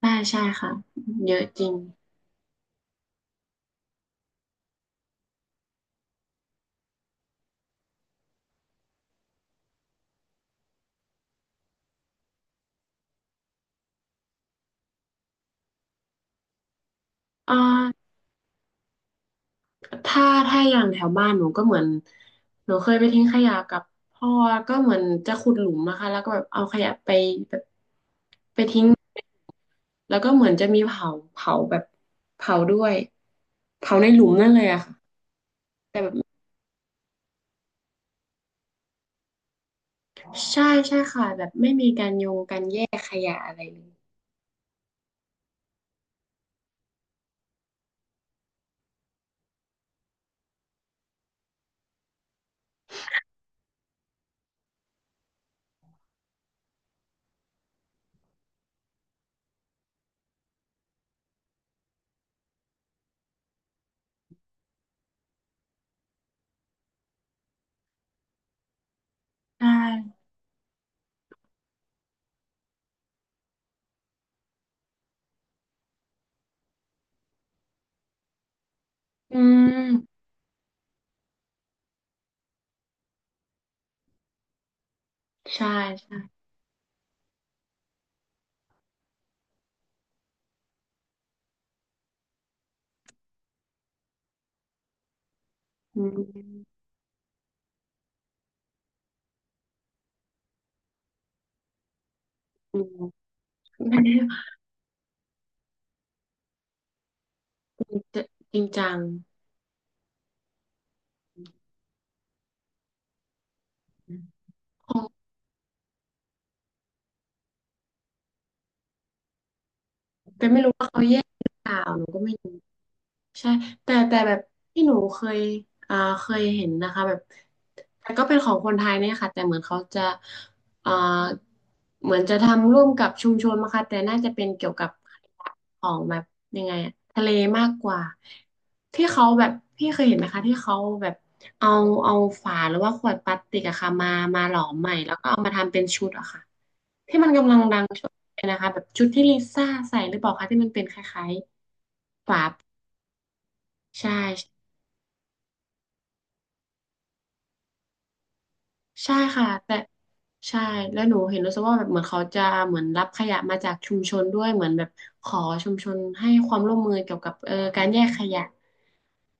ใช่ใช่ค่ะเยอะจริงอ่าถ้าอย่างแถวบ้านหนูก็เหมือนหนูเคยไปทิ้งขยะกับพ่อก็เหมือนจะขุดหลุมนะคะแล้วก็แบบเอาขยะไปแบบไปทิ้งแล้วก็เหมือนจะมีเผาเผาแบบเผาด้วยเผาในหลุมนั่นเลยอะค่ะแต่แบบใช่ใช่ค่ะแบบไม่มีการโยงการแยกขยะอะไรเลยใช่อืมใช่ใช่อืมอืมจริงจัง แต่ไม่รู้ว่าเขาแยกหรือเปล่าหนูก็ไม่รู้ใช่แต่แบบที่หนูเคยอ่าเคยเห็นนะคะแบบแต่ก็เป็นของคนไทยเนี่ยค่ะแต่เหมือนเขาจะอ่าเหมือนจะทำร่วมกับชุมชนนะคะแต่น่าจะเป็นเกี่ยวกับของแบบยังไงอะทะเลมากกว่าที่เขาแบบพี่เคยเห็นไหมคะที่เขาแบบเอาเอาฝาหรือว่าขวดพลาสติกอะค่ะมาหลอมใหม่แล้วก็เอามาทำเป็นชุดอะค่ะ ที่มันกำลังดังช่วงนี้นะคะแบบชุดที่ลิซ่าใส่หรือเปล่าคะที่มันเป็นคล้ายๆฝาใช่ใช่ค่ะใช่แล้วหนูเห็นรู้สึกว่าแบบเหมือนเขาจะเหมือนรับขยะมาจากชุมชนด้วยเหมือนแบบขอชุมชนให้ความร่วมมือเกี่ยวกับการแยกขยะ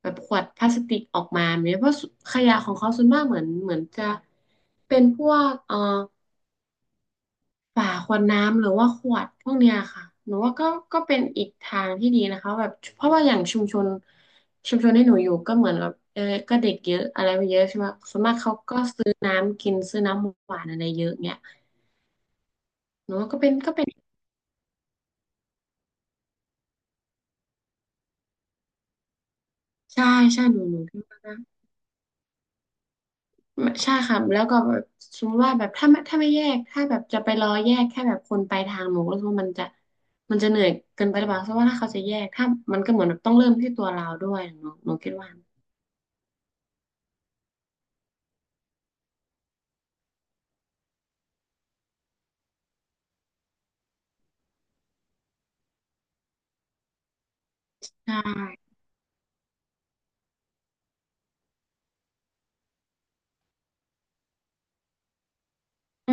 แบบขวดพลาสติกออกมาเนี่ยเพราะขยะของเขาส่วนมากเหมือนจะเป็นพวกฝาขวดน้ำหรือว่าขวดพวกเนี้ยค่ะหนูว่าก็เป็นอีกทางที่ดีนะคะแบบเพราะว่าอย่างชุมชนที่หนูอยู่ก็เหมือนกับก็เด็กเยอะอะไรไปเยอะใช่ไหมส่วนมากเขาก็ซื้อน้ำกินซื้อน้ำหวานอะไรเยอะเนี่ยหนูว่าก็เป็นใช่ใช่หนูใช่ค่ะแล้วก็แบบสมมติว่าแบบถ้าไม่แยกถ้าแบบจะไปรอแยกแค่แบบคนไปทางหนูก็รู้สึกว่ามันจะเหนื่อยเกินไปหรือเปล่าเพราะว่าถ้าเขาจะแยกมันก็เหมือนแบบต้องเริ่มที่ตัวเราด้วยหนูคิดว่าใช่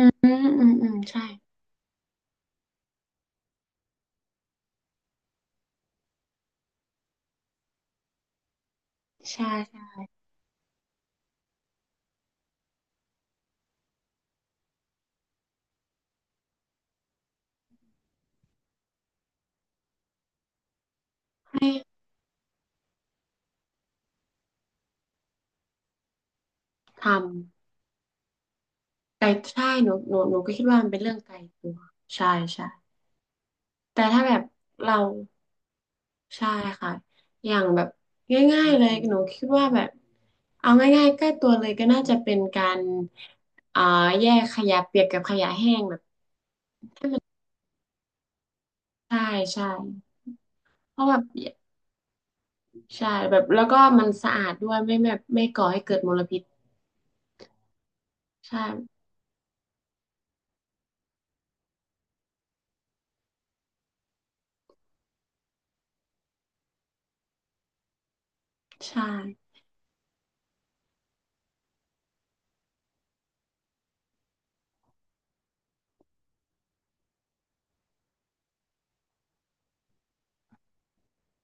อืมอืมอืมใช่ใช่ใช่ให้ทำไกลใช่หนูก็คิดว่ามันเป็นเรื่องไกลตัวใช่ใช่แต่ถ้าแบบเราใช่ค่ะอย่างแบบง่ายๆเลยหนูคิดว่าแบบเอาง่ายๆใกล้ตัวเลยก็น่าจะเป็นการอ่าแยกขยะเปียกกับขยะแห้งแบบใช่ใช่เพราะแบบใช่แบบแล้วก็มันสะอาดด้วยไม่แบบไม่ก่อให้เกิดมลพิษใช่ใช่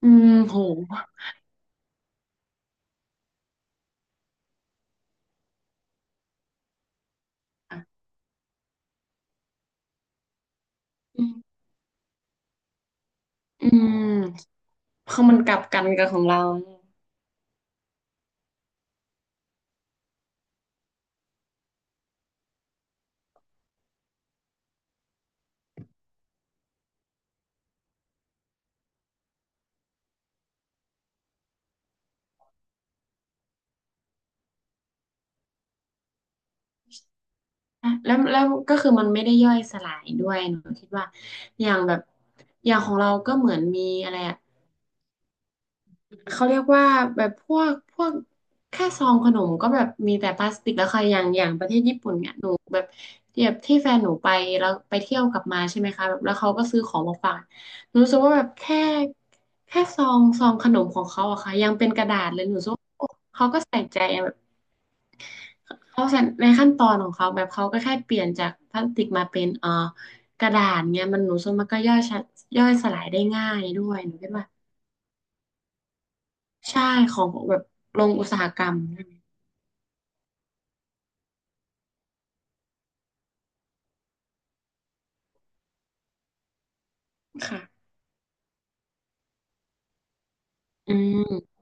อืมโหอืมอืม คือมันกลับกันกับของเราอะแล้วก็คือมันไม่ได้ย่อยสลายด้วยหนูคิดว่าอย่างแบบอย่างของเราก็เหมือนมีอะไรอะเขาเรียกว่าแบบพวกแค่ซองขนมก็แบบมีแต่พลาสติกแล้วค่ะอย่างประเทศญี่ปุ่นเนี่ยหนูแบบแบบที่แฟนหนูไปแล้วไปเที่ยวกลับมาใช่ไหมคะแบบแล้วเขาก็ซื้อของมาฝากหนูรู้สึกว่าแบบแค่ซองขนมของเขาอะค่ะยังเป็นกระดาษเลยหนูรู้สึกว่าโอ้เขาก็ใส่ใจ เขาะฉะนั้นในขั้นตอนของเขาแบบเขาก็แค่เปลี่ยนจากพลาสติกมาเป็นกระดาษเนี่ยมันหนูส่วมันก็ย่อยสลายได้ง่ายด้วยหนูคิดว่าใช่ของแบบโรงอุตสาหกรรมใช่ไหมค่ะอืม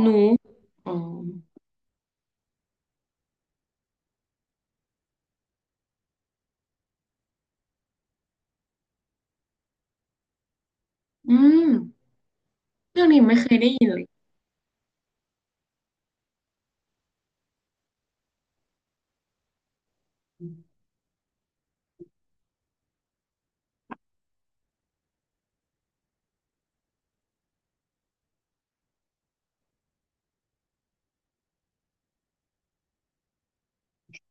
หนูอ๋ออืมเรื่องนี้ไม่เคยได้ยินเลย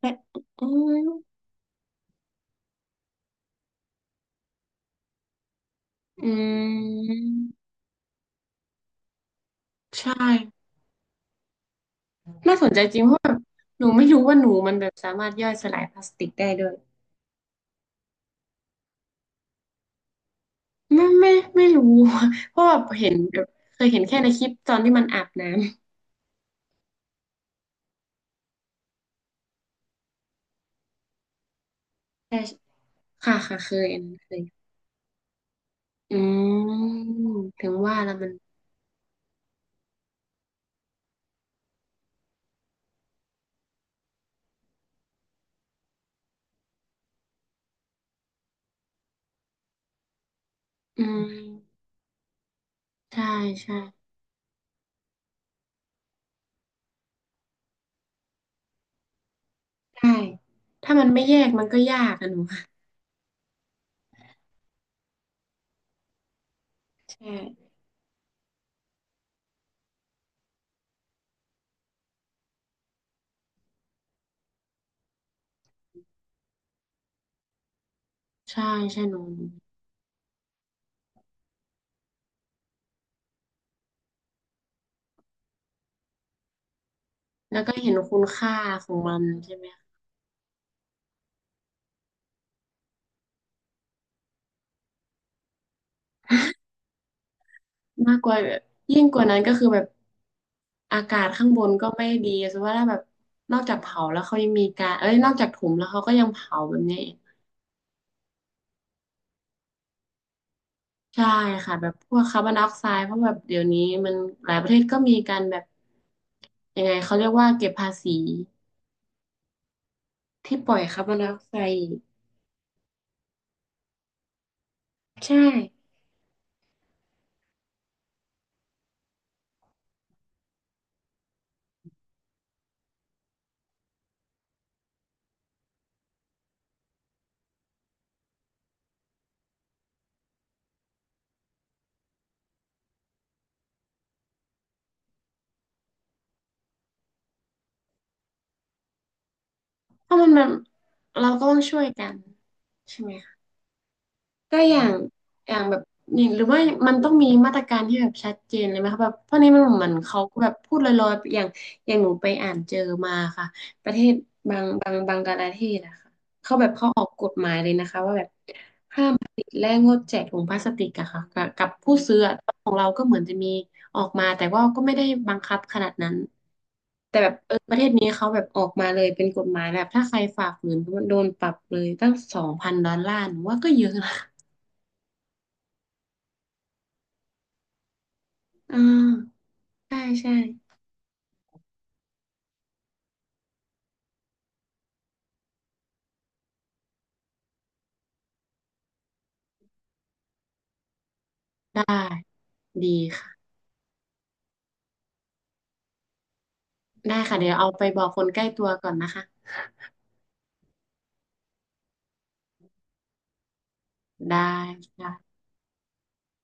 แต่อืมอืมใช่น่าสนใจจริงเพราะแบบหนูไม่รู้ว่าหนูมันแบบสามารถย่อยสลายพลาสติกได้ด้วย ไม่ไม่ไม่รู้ เพราะแบบเห็นแบบเคยเห็นแค่ในคลิปตอนที่มันอาบน้ำแต่ค่ะค่ะเคยอันนั้นเคยอืมถึงว่าแล้วมันอืมใช่ใช่ใช่ถ้ามันไม่แยกมันก็ยากอะหนูค่ะใช่ใช่ใช่หนูแล้วก็เห็นคุณค่าของมันใช่ไหมคะมากกว่าแบบยิ่งกว่านั้นก็คือแบบอากาศข้างบนก็ไม่ดีสมมติว่าถ้าแบบนอกจากเผาแล้วเขายังมีการเอ้ยนอกจากถมแล้วเขาก็ยังเผาแบบนี้ ใช่ค่ะแบบพวกคาร์บอนไดออกไซด์เพราะแบบเดี๋ยวนี้มันหลายประเทศก็มีการแบบยังไงเขาเรียกว่าเก็บภาษีที่ปล่อยคาร์บอนไดออกไซด์อีกใช่เพราะมันแบบเราก็ต้องช่วยกันใช่ไหมคะก็อย่างอย่างแบบนี่หรือว่ามันต้องมีมาตรการที่แบบชัดเจนเลยไหมคะแบบเพราะนี้มันเหมือนเขาก็แบบพูดลอยๆอย่างอย่างหนูไปอ่านเจอมาค่ะประเทศบางกลาเทศอะค่ะเขาแบบเขาออกกฎหมายเลยนะคะว่าแบบ ห้ามผลิตและงดแจกถุงพลาสติกอะค่ะกับผู้ซื้ออะของเราก็เหมือนจะมีออกมาแต่ว่าก็ไม่ได้บังคับขนาดนั้นแต่แบบเออประเทศนี้เขาแบบออกมาเลยเป็นกฎหมายแบบถ้าใครฝ่าฝืนโดนปรับเลยตั้ง2,000 ดอลลาร์หนูว่าก็เยอะนะอ่าใช่ใช่ได้ดีค่ะได้ค่ะเดี๋ยวเอาไปบอกคนใกล้ตัวก่อนนะคะได้ค่ะ